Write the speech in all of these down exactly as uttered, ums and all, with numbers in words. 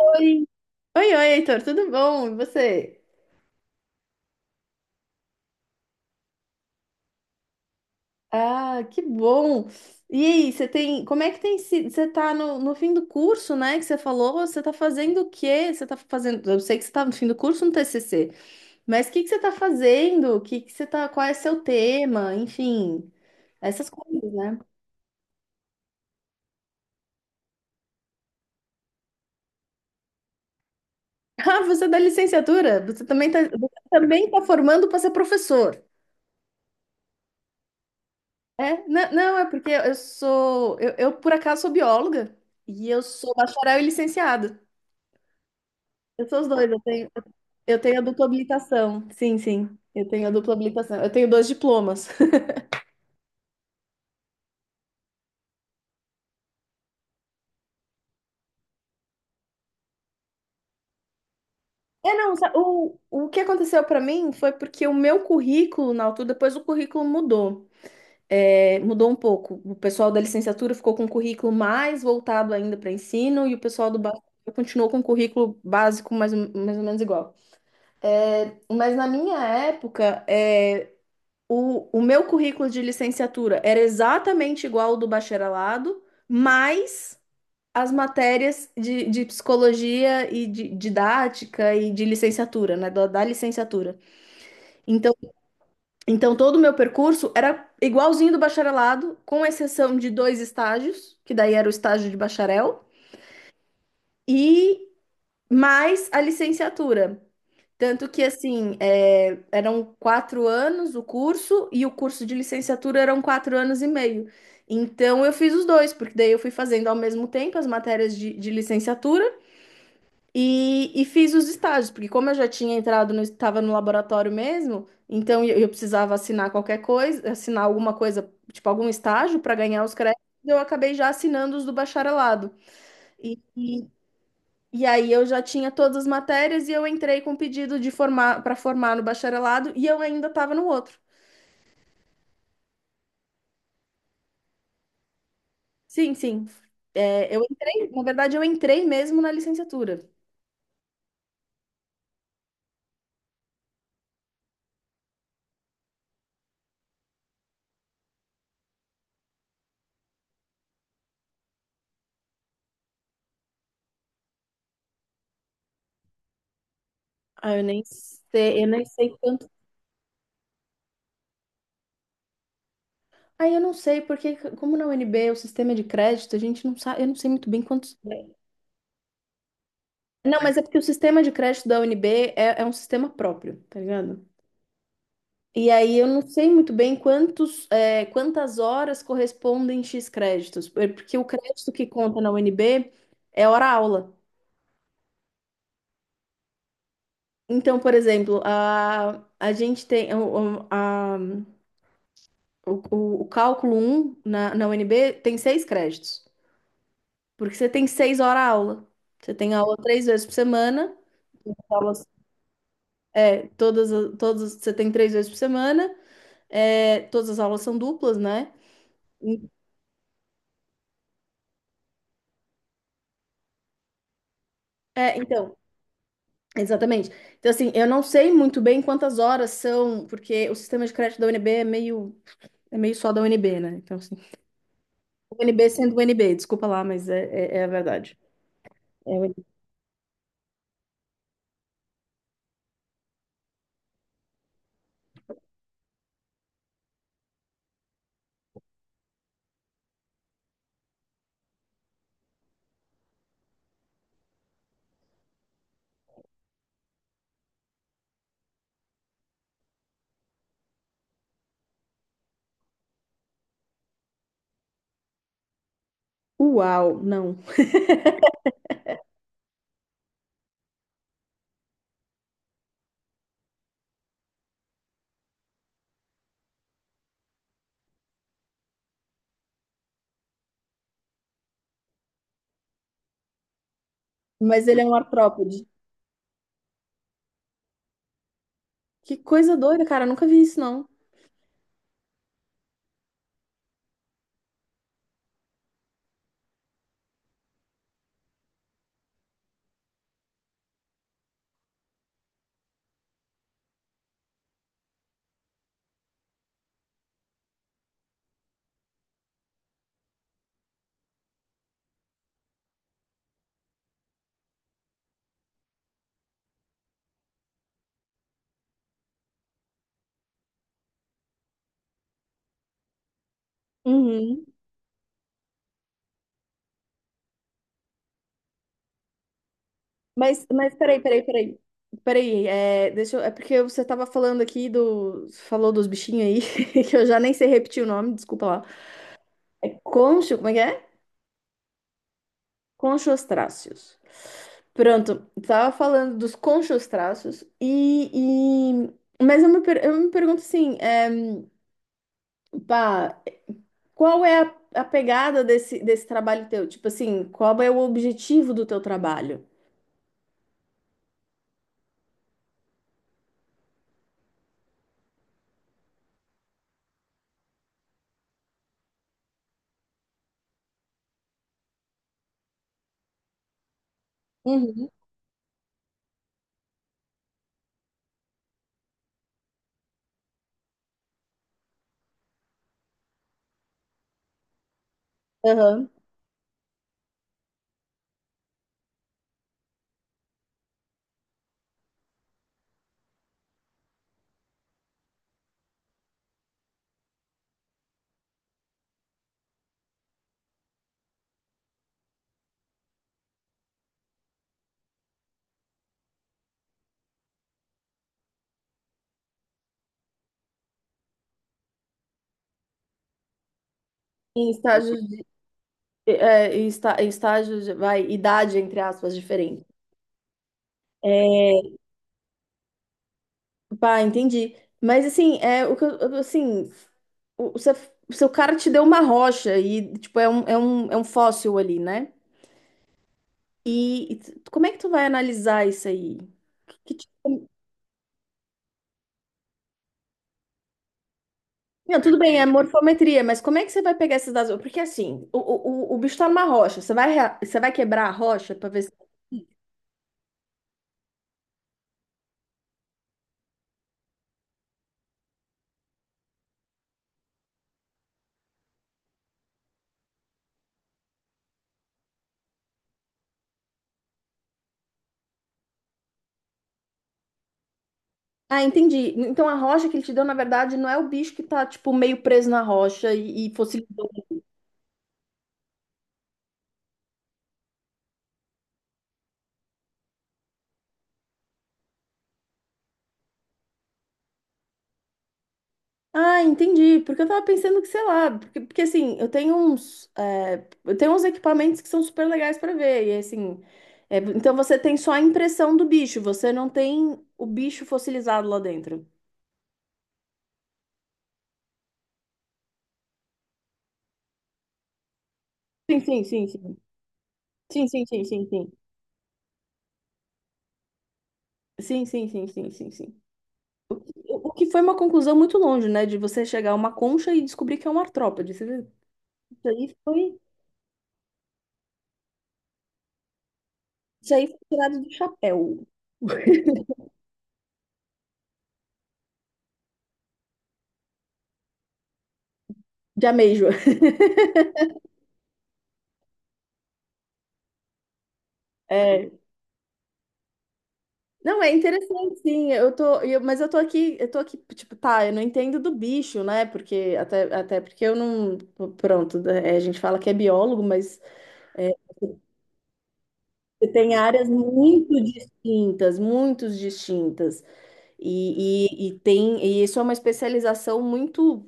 Oi, oi, oi, Heitor, tudo bom? E você? Ah, que bom! E aí, você tem, como é que tem sido? Você tá no, no fim do curso, né, que você falou, você tá fazendo o quê? Você tá fazendo, eu sei que você tá no fim do curso no T C C, mas o que que você tá fazendo? O que que você tá, qual é seu tema? Enfim, essas coisas, né? Ah, você é da licenciatura? Você também tá, você também tá formando para ser professor. É, não, não, é porque eu sou, eu, eu por acaso sou bióloga e eu sou bacharel e licenciada. Eu sou os dois, eu tenho, eu tenho a dupla habilitação. Sim, sim, eu tenho a dupla habilitação. Eu tenho dois diplomas. É, não, sa- o, o que aconteceu para mim foi porque o meu currículo, na altura, depois o currículo mudou. É, mudou um pouco. O pessoal da licenciatura ficou com um currículo mais voltado ainda para ensino e o pessoal do básico continuou com um currículo básico mais, ou- mais ou menos igual. É, mas na minha época, é O, o meu currículo de licenciatura era exatamente igual ao do bacharelado, mas as matérias de, de psicologia e de didática e de licenciatura, né? Da, da licenciatura. Então, então, todo o meu percurso era igualzinho do bacharelado, com exceção de dois estágios, que daí era o estágio de bacharel, e mais a licenciatura. Tanto que, assim, é, eram quatro anos o curso e o curso de licenciatura eram quatro anos e meio. Então, eu fiz os dois, porque daí eu fui fazendo ao mesmo tempo as matérias de, de licenciatura e, e fiz os estágios, porque como eu já tinha entrado, no, estava no laboratório mesmo, então eu, eu precisava assinar qualquer coisa, assinar alguma coisa, tipo algum estágio para ganhar os créditos, eu acabei já assinando os do bacharelado. E, e aí eu já tinha todas as matérias e eu entrei com pedido de formar para formar no bacharelado e eu ainda estava no outro. Sim, sim. É, eu entrei, na verdade, eu entrei mesmo na licenciatura. Ah, eu nem sei, eu nem sei quanto. Ah, eu não sei, porque como na U N B o sistema de crédito, a gente não sabe, eu não sei muito bem quantos. Não, mas é porque o sistema de crédito da U N B é, é um sistema próprio, tá ligado? E aí eu não sei muito bem quantos, é, quantas horas correspondem X créditos, por- porque o crédito que conta na U N B é hora-aula. Então, por exemplo, a, a gente tem o, o- a- o- o- o cálculo um na, na U N B tem seis créditos, porque você tem seis horas-aula. Você tem aula três vezes por semana, aulas, é, todas, as- todas, você tem três vezes por semana, é, todas as aulas são duplas, né? É, então, exatamente. Então, assim, eu não sei muito bem quantas horas são, porque o sistema de crédito da U N B é meio, é meio só da U N B, né? Então, assim, U N B sendo U N B, desculpa lá, mas é, é, é a verdade. É o- Uau, não. Mas ele é um artrópode. Que coisa doida, cara, eu nunca vi isso, não. Uhum. Mas, mas peraí, peraí, peraí. Peraí, é, deixa eu, é porque você tava falando aqui do, falou dos bichinhos aí, que eu já nem sei repetir o nome, desculpa lá. É concho, como é que é? Conchostráceos. Pronto, estava falando dos conchostráceos e, e... Mas eu me, per- eu me pergunto assim, é, pá, qual é a, a pegada desse, desse trabalho teu? Tipo assim, qual é o objetivo do teu trabalho? Uhum. Aham. Em estágios, é, em esta- em estágios, vai, idade, entre aspas, diferente. É, pá, entendi. Mas assim, é o que eu, eu- assim, o, o seu o seu cara te deu uma rocha e tipo é um, é um, é um fóssil ali, né? E, e tu- como é que tu vai analisar isso aí? Que tipo- Não, tudo bem, é morfometria, mas como é que você vai pegar esses dados? Porque assim, o, o, o o bicho tá numa rocha, você vai, rea- você vai quebrar a rocha pra ver se... Ah, entendi. Então a rocha que ele te deu, na verdade, não é o bicho que tá, tipo, meio preso na rocha e, e fossilizou. Ah, entendi. Porque eu tava pensando que, sei lá, porque, porque assim, eu tenho uns, é, eu tenho uns equipamentos que são super legais pra ver. E assim, é, então você tem só a impressão do bicho, você não tem o bicho fossilizado lá dentro. Sim, sim, sim, sim. Sim, sim, sim, sim, sim. Sim, sim, sim, sim, sim, sim. O o que foi uma conclusão muito longe, né? De você chegar a uma concha e descobrir que é um artrópode. Isso isso aí foi, isso aí foi tirado do chapéu. De ameijo. É. Não, é interessante, sim. Eu tô, eu- mas eu tô aqui, eu tô aqui, tipo, tá, eu não entendo do bicho, né? Porque até, até porque eu não, pronto, é, a gente fala que é biólogo, mas é, você tem áreas muito distintas, muito distintas. E, e, e tem, e isso é uma especialização muito,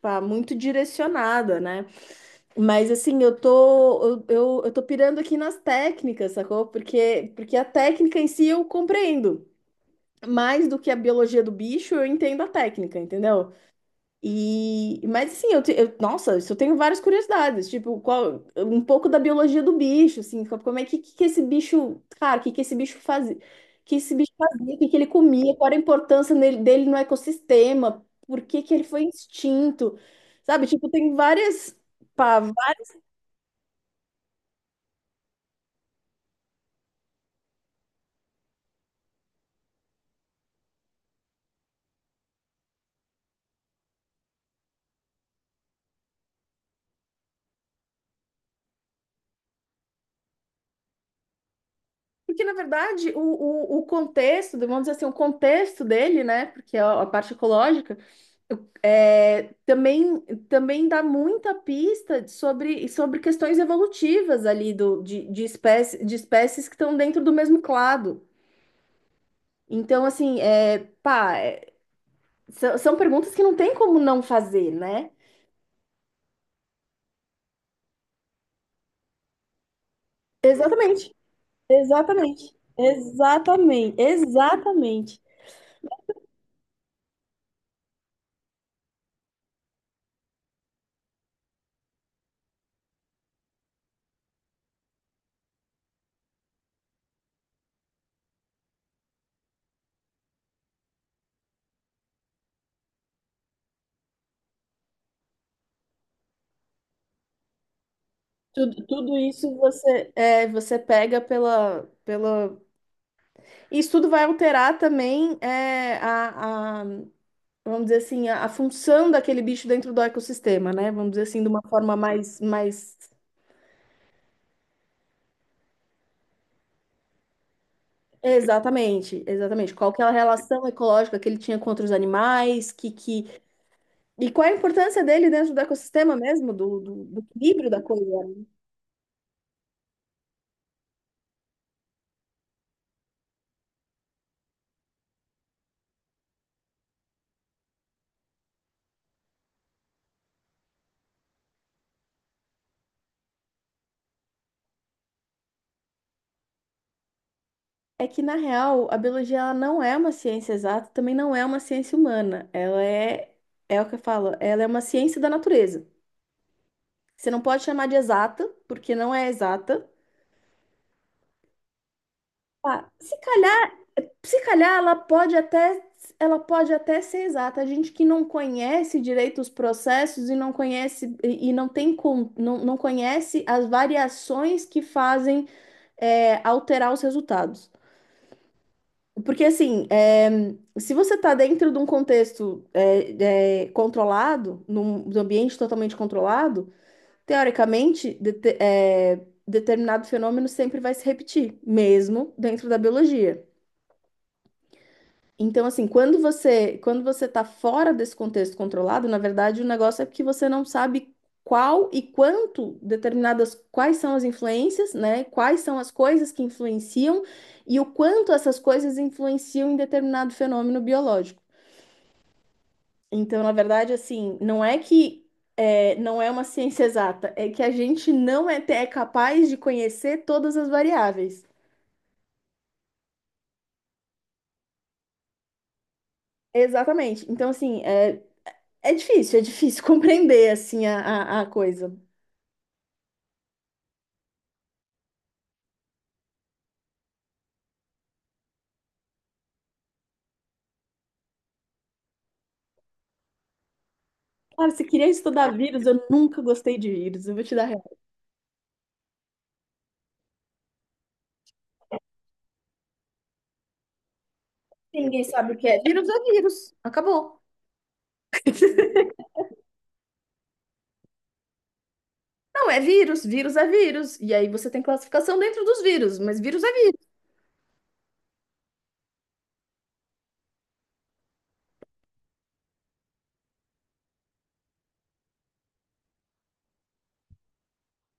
pá, muito direcionada, né? Mas assim, eu tô, eu, eu, eu tô pirando aqui nas técnicas, sacou? Porque, porque a técnica em si eu compreendo mais do que a biologia do bicho. Eu entendo a técnica, entendeu? E mas assim, eu, te- eu- nossa, isso eu tenho várias curiosidades, tipo, qual um pouco da biologia do bicho, assim, co- como é que, que que esse bicho, cara, que que esse bicho fazia? Que esse bicho fazia, o que que ele comia, qual era a importância nele- dele no ecossistema, por que que ele foi extinto? Sabe, tipo, tem várias pá, várias- porque na verdade o, o, o contexto, vamos dizer assim, o contexto dele, né? Porque é a a parte ecológica. É, também, também dá muita pista sobre, sobre questões evolutivas ali do, de, de, espécie, de espécies que estão dentro do mesmo clado. Então, assim, é, pá, é, são, são perguntas que não tem como não fazer, né? Exatamente, exatamente, exatamente, exatamente. Tudo, tudo isso você, é, você pega pela, pela... Isso tudo vai alterar também é, vamos dizer assim, a, a função daquele bicho dentro do ecossistema, né? Vamos dizer assim, de uma forma mais, mais... Exatamente, exatamente. Qual que é a relação ecológica que ele tinha com outros animais, que, que... E qual é a importância dele dentro do ecossistema mesmo, do, do, do equilíbrio da coisa. É que, na real, a biologia ela não é uma ciência exata, também não é uma ciência humana. Ela é, é o que eu falo, ela é uma ciência da natureza. Você não pode chamar de exata, porque não é exata. Ah, se calhar Se calhar ela pode até ela pode até ser exata. A gente que não conhece direito os processos e não conhece e e não tem com, não, não conhece as variações que fazem é, alterar os resultados. Porque assim, é, se você está dentro de um contexto é, é, controlado, num num ambiente totalmente controlado, teoricamente dete- é, determinado fenômeno sempre vai se repetir, mesmo dentro da biologia. Então, assim, quando você quando você está fora desse contexto controlado, na verdade, o negócio é que você não sabe qual e quanto determinadas quais são as influências, né? Quais são as coisas que influenciam e o quanto essas coisas influenciam em determinado fenômeno biológico. Então, na verdade, assim, não é que é, não é uma ciência exata, é que a gente não é, é capaz de conhecer todas as variáveis. Exatamente. Então, assim, é, é difícil, é difícil compreender assim a, a a coisa. Cara, você queria estudar vírus, eu nunca gostei de vírus, eu vou te dar real. Ninguém sabe o que é. Vírus é vírus. Acabou. Não, é vírus. Vírus é vírus. E aí você tem classificação dentro dos vírus, mas vírus é vírus.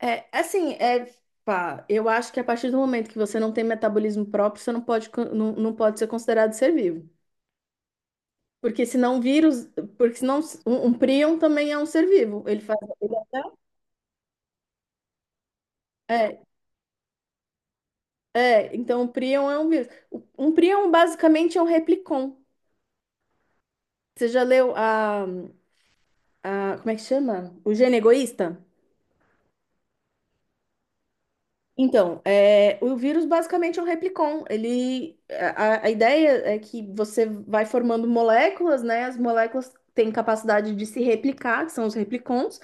É, é assim, é. Pá, eu acho que a partir do momento que você não tem metabolismo próprio, você não pode, con- não, não pode ser considerado ser vivo. Porque senão vírus, porque senão um, um prion também é um ser vivo. Ele faz, ele até- é, é, então o prion é um vírus. O- Um prion basicamente é um replicon. Você já leu a a- como é que chama? O gene egoísta? Então, é, o vírus basicamente é um replicon. Ele, a, a- ideia é que você vai formando moléculas, né? As moléculas têm capacidade de se replicar, que são os replicons,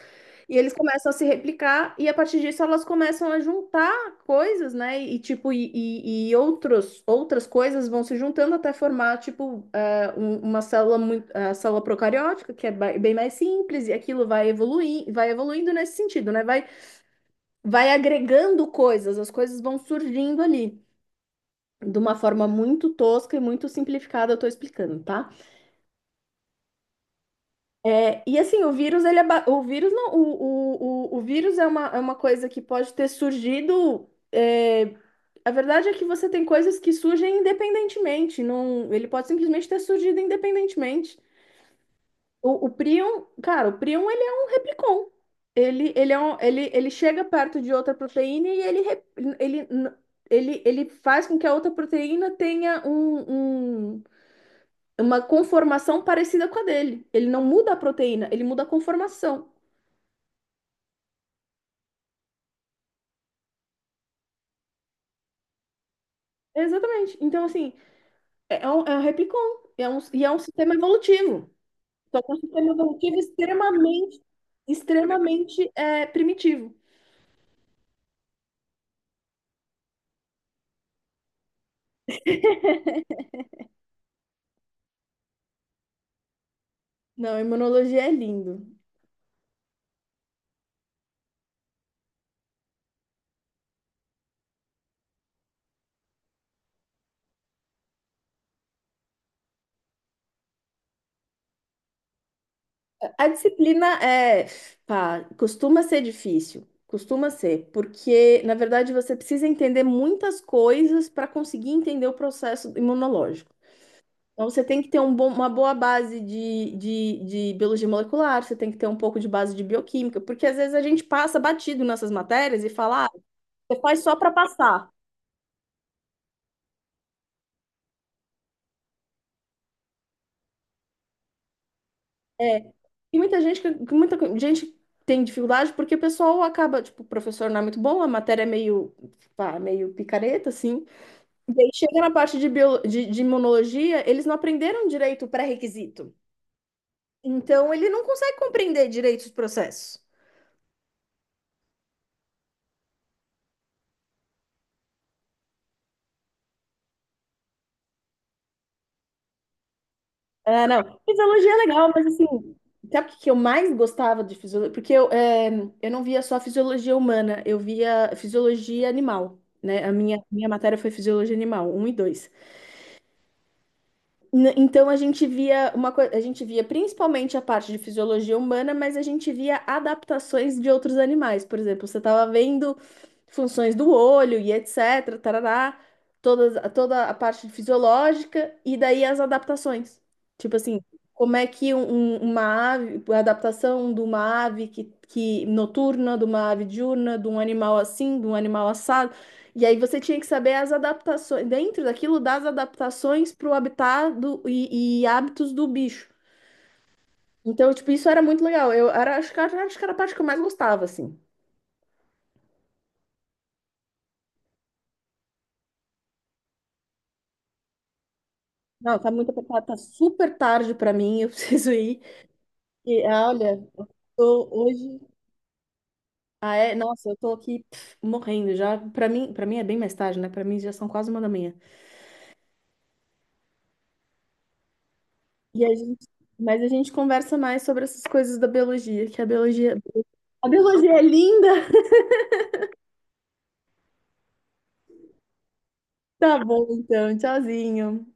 e eles começam a se replicar, e a partir disso elas começam a juntar coisas, né? E tipo, e, e, e outros, outras coisas vão se juntando até formar, tipo, é, um- uma célula muito, a célula procariótica, que é ba- bem mais simples, e aquilo vai evoluir, vai evoluindo nesse sentido, né? Vai vai agregando coisas, as coisas vão surgindo ali. De uma forma muito tosca e muito simplificada, eu tô explicando, tá? É, e assim, o vírus, ele é ba- o vírus não, o, o, o, o vírus é uma, é uma coisa que pode ter surgido. é, a verdade é que você tem coisas que surgem independentemente, não, ele pode simplesmente ter surgido independentemente. O, o prion, cara, o prion ele é um replicon. Ele, ele, é um, ele, ele chega perto de outra proteína e ele, rep- ele, n- ele, ele faz com que a outra proteína tenha um, um- uma conformação parecida com a dele. Ele não muda a proteína, ele muda a conformação. Exatamente. Então, assim, é é um, é um replicon. É um, e é um sistema evolutivo. Só que é um sistema evolutivo extremamente, extremamente é, primitivo. Não, imunologia é lindo. A disciplina é, pá, costuma ser difícil, costuma ser, porque na verdade você precisa entender muitas coisas para conseguir entender o processo imunológico. Então você tem que ter um bom- uma boa base de, de, de biologia molecular, você tem que ter um pouco de base de bioquímica, porque às vezes a gente passa batido nessas matérias e fala, ah, você faz só para passar. É, e muita gente, que- que muita co- gente tem dificuldade porque o pessoal acaba, tipo, o professor não é muito bom, a matéria é meio, pá, meio picareta, assim. E aí chega na parte de, bio... de, de imunologia, eles não aprenderam direito o pré-requisito. Então, ele não consegue compreender direito os processos. Ah, não. Fisiologia é legal, mas assim, sabe o que que eu mais gostava de fisiologia? Porque eu, é, eu não via só fisiologia humana, eu via fisiologia animal, né? A minha, minha matéria foi fisiologia animal, um e dois. N- Então a gente via uma coisa, a gente via principalmente a parte de fisiologia humana, mas a gente via adaptações de outros animais. Por exemplo, você estava vendo funções do olho e et cetera, tarará, todas, toda a parte fisiológica e daí as adaptações. Tipo assim, como é que um- um- uma ave, a adaptação de uma ave que, que noturna, de uma ave diurna, de um animal assim, de um animal assado. E aí você tinha que saber as adaptações, dentro daquilo, das adaptações para o habitat do, e, e hábitos do bicho. Então, tipo, isso era muito legal. Eu era, acho que, era- acho que era a parte que eu mais gostava, assim. Não, tá muito apertado, tá super tarde para mim, eu preciso ir. E, ah, olha, tô hoje. Ah, é? Nossa, eu tô aqui pff, morrendo já. Para mim, para mim é bem mais tarde, né? Para mim já são quase uma da manhã. E a gente, mas a gente conversa mais sobre essas coisas da biologia, que a biologia, a biologia é linda. Tá bom, então, tchauzinho.